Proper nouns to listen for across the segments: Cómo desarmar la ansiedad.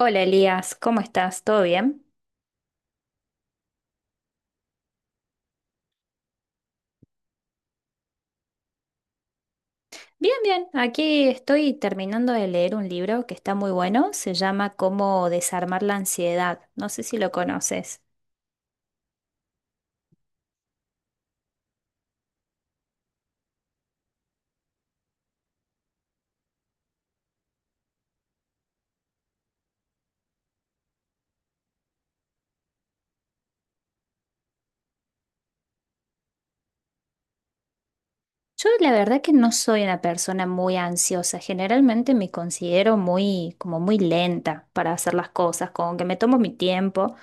Hola Elías, ¿cómo estás? ¿Todo bien? Bien, bien. Aquí estoy terminando de leer un libro que está muy bueno. Se llama Cómo desarmar la ansiedad. No sé si lo conoces. Yo la verdad que no soy una persona muy ansiosa. Generalmente me considero muy, como muy lenta para hacer las cosas, como que me tomo mi tiempo.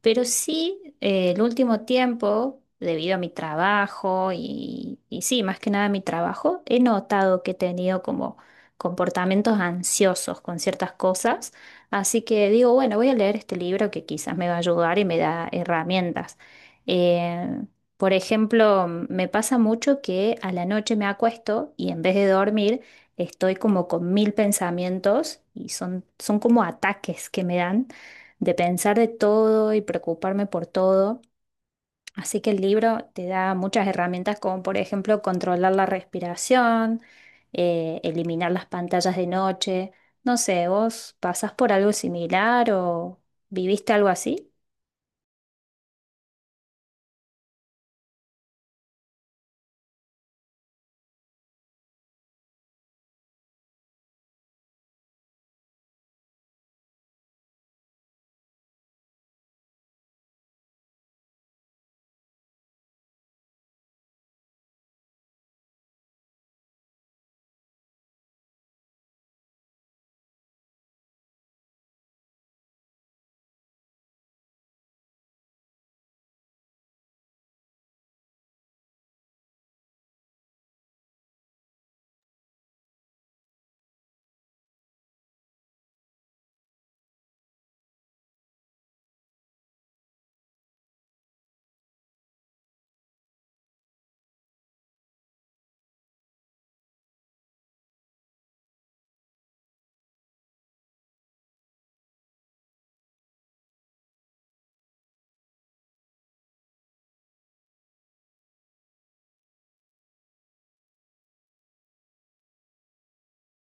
Pero sí, el último tiempo, debido a mi trabajo y sí, más que nada mi trabajo, he notado que he tenido como comportamientos ansiosos con ciertas cosas. Así que digo, bueno, voy a leer este libro que quizás me va a ayudar y me da herramientas. Eh, por ejemplo, me pasa mucho que a la noche me acuesto y en vez de dormir estoy como con mil pensamientos y son como ataques que me dan de pensar de todo y preocuparme por todo. Así que el libro te da muchas herramientas como por ejemplo controlar la respiración, eliminar las pantallas de noche. No sé, ¿vos pasás por algo similar o viviste algo así?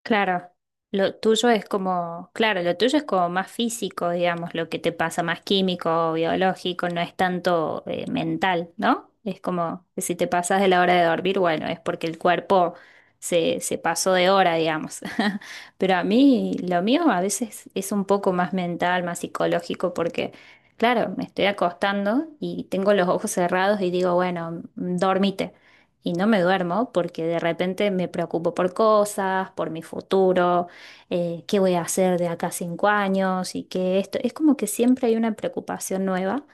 Claro, lo tuyo es como, claro, lo tuyo es como más físico, digamos, lo que te pasa, más químico, biológico, no es tanto mental, ¿no? Es como que si te pasas de la hora de dormir, bueno, es porque el cuerpo se pasó de hora, digamos. Pero a mí, lo mío a veces es un poco más mental, más psicológico, porque, claro, me estoy acostando y tengo los ojos cerrados y digo, bueno, dormite. Y no me duermo porque de repente me preocupo por cosas, por mi futuro, qué voy a hacer de acá a 5 años y qué esto. Es como que siempre hay una preocupación nueva.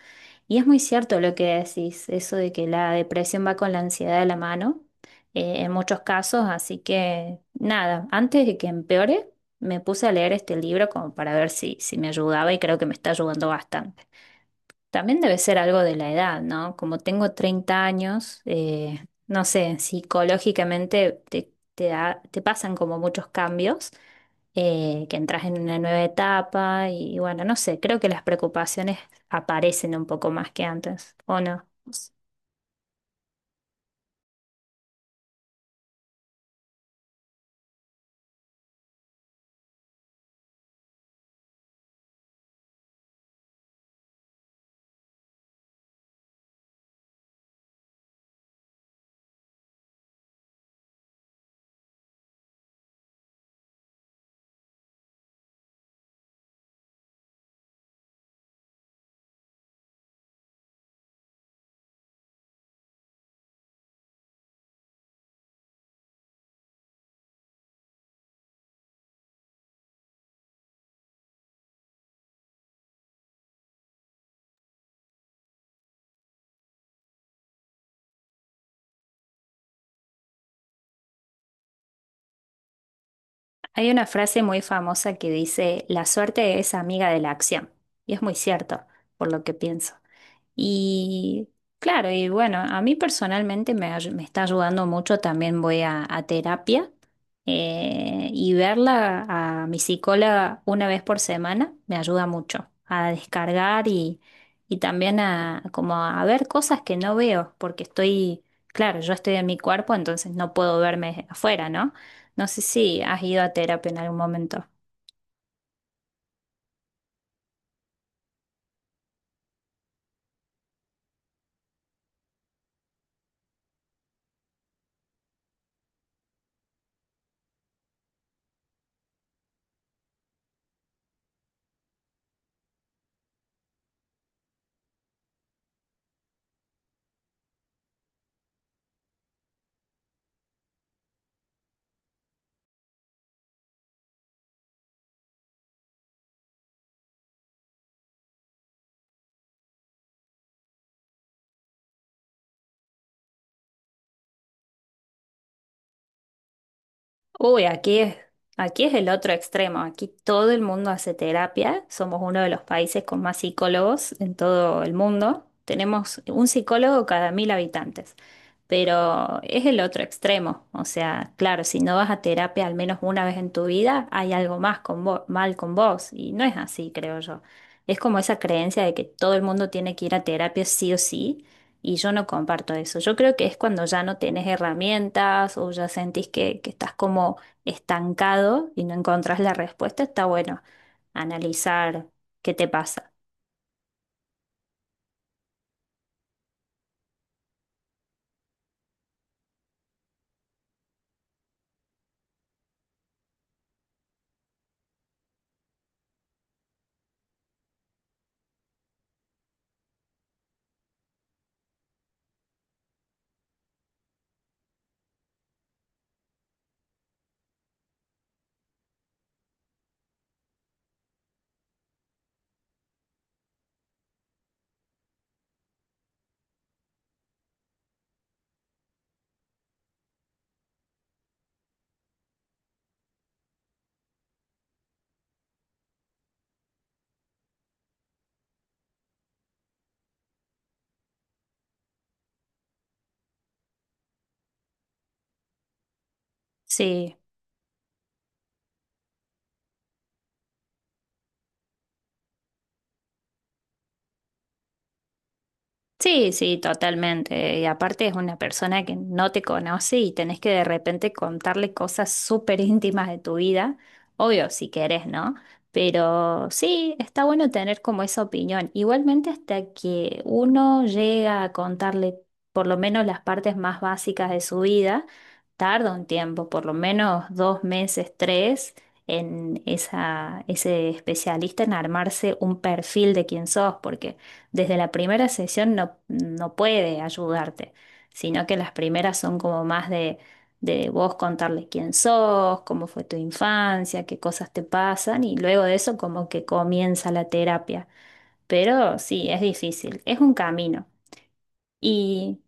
Y es muy cierto lo que decís, eso de que la depresión va con la ansiedad de la mano, en muchos casos. Así que nada, antes de que empeore, me puse a leer este libro como para ver si me ayudaba y creo que me está ayudando bastante. También debe ser algo de la edad, ¿no? Como tengo 30 años, no sé, psicológicamente te pasan como muchos cambios, que entras en una nueva etapa y bueno, no sé, creo que las preocupaciones aparecen un poco más que antes, ¿o no? Hay una frase muy famosa que dice, la suerte es amiga de la acción, y es muy cierto, por lo que pienso. Y claro, y bueno, a mí personalmente me está ayudando mucho, también voy a terapia y verla a mi psicóloga una vez por semana me ayuda mucho a descargar y también a, como a ver cosas que no veo, porque estoy, claro, yo estoy en mi cuerpo, entonces no puedo verme afuera, ¿no? No sé si has ido a terapia en algún momento. Uy, aquí es el otro extremo. Aquí todo el mundo hace terapia. Somos uno de los países con más psicólogos en todo el mundo. Tenemos un psicólogo cada 1.000 habitantes. Pero es el otro extremo. O sea, claro, si no vas a terapia al menos una vez en tu vida, hay algo más mal con vos. Y no es así, creo yo. Es como esa creencia de que todo el mundo tiene que ir a terapia sí o sí. Y yo no comparto eso. Yo creo que es cuando ya no tenés herramientas o ya sentís que estás como estancado y no encontrás la respuesta. Está bueno analizar qué te pasa. Sí. Sí, sí, totalmente. Y aparte es una persona que no te conoce y tenés que de repente contarle cosas súper íntimas de tu vida. Obvio, si querés, ¿no? Pero sí, está bueno tener como esa opinión. Igualmente hasta que uno llega a contarle por lo menos las partes más básicas de su vida, tarda un tiempo, por lo menos 2 meses, tres, en ese especialista en armarse un perfil de quién sos, porque desde la primera sesión no puede ayudarte, sino que las primeras son como más de, vos contarle quién sos, cómo fue tu infancia, qué cosas te pasan y luego de eso como que comienza la terapia. Pero sí, es difícil, es un camino. Y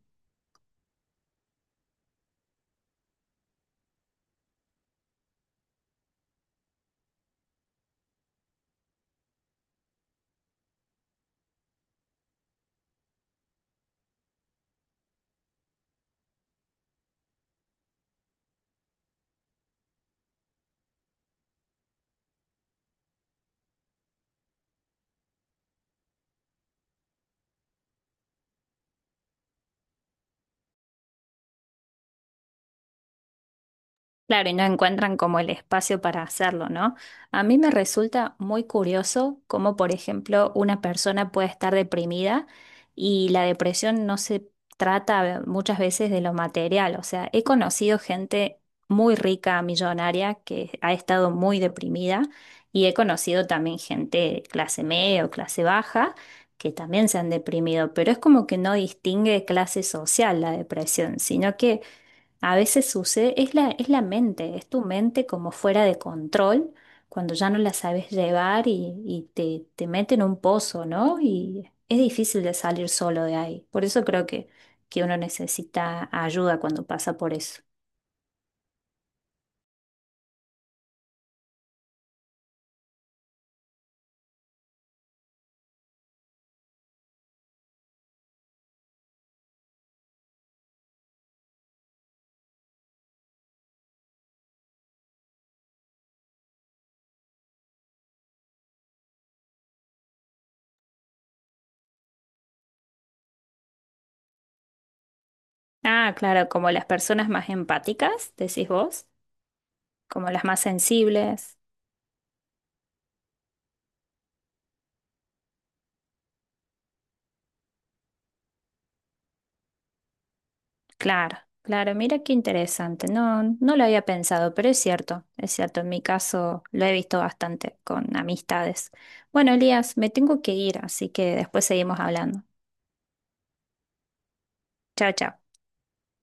claro, y no encuentran como el espacio para hacerlo, ¿no? A mí me resulta muy curioso cómo, por ejemplo, una persona puede estar deprimida y la depresión no se trata muchas veces de lo material. O sea, he conocido gente muy rica, millonaria, que ha estado muy deprimida y he conocido también gente de clase media o clase baja que también se han deprimido, pero es como que no distingue clase social la depresión, sino que... A veces sucede, es la mente, es tu mente como fuera de control, cuando ya no la sabes llevar y te mete en un pozo, ¿no? Y es difícil de salir solo de ahí. Por eso creo que uno necesita ayuda cuando pasa por eso. Ah, claro, como las personas más empáticas, decís vos, como las más sensibles. Claro, claro, mira qué interesante. no, lo había pensado, pero es cierto, es cierto. En mi caso lo he visto bastante con amistades. Bueno, Elías, me tengo que ir, así que después seguimos hablando. Chao, chao.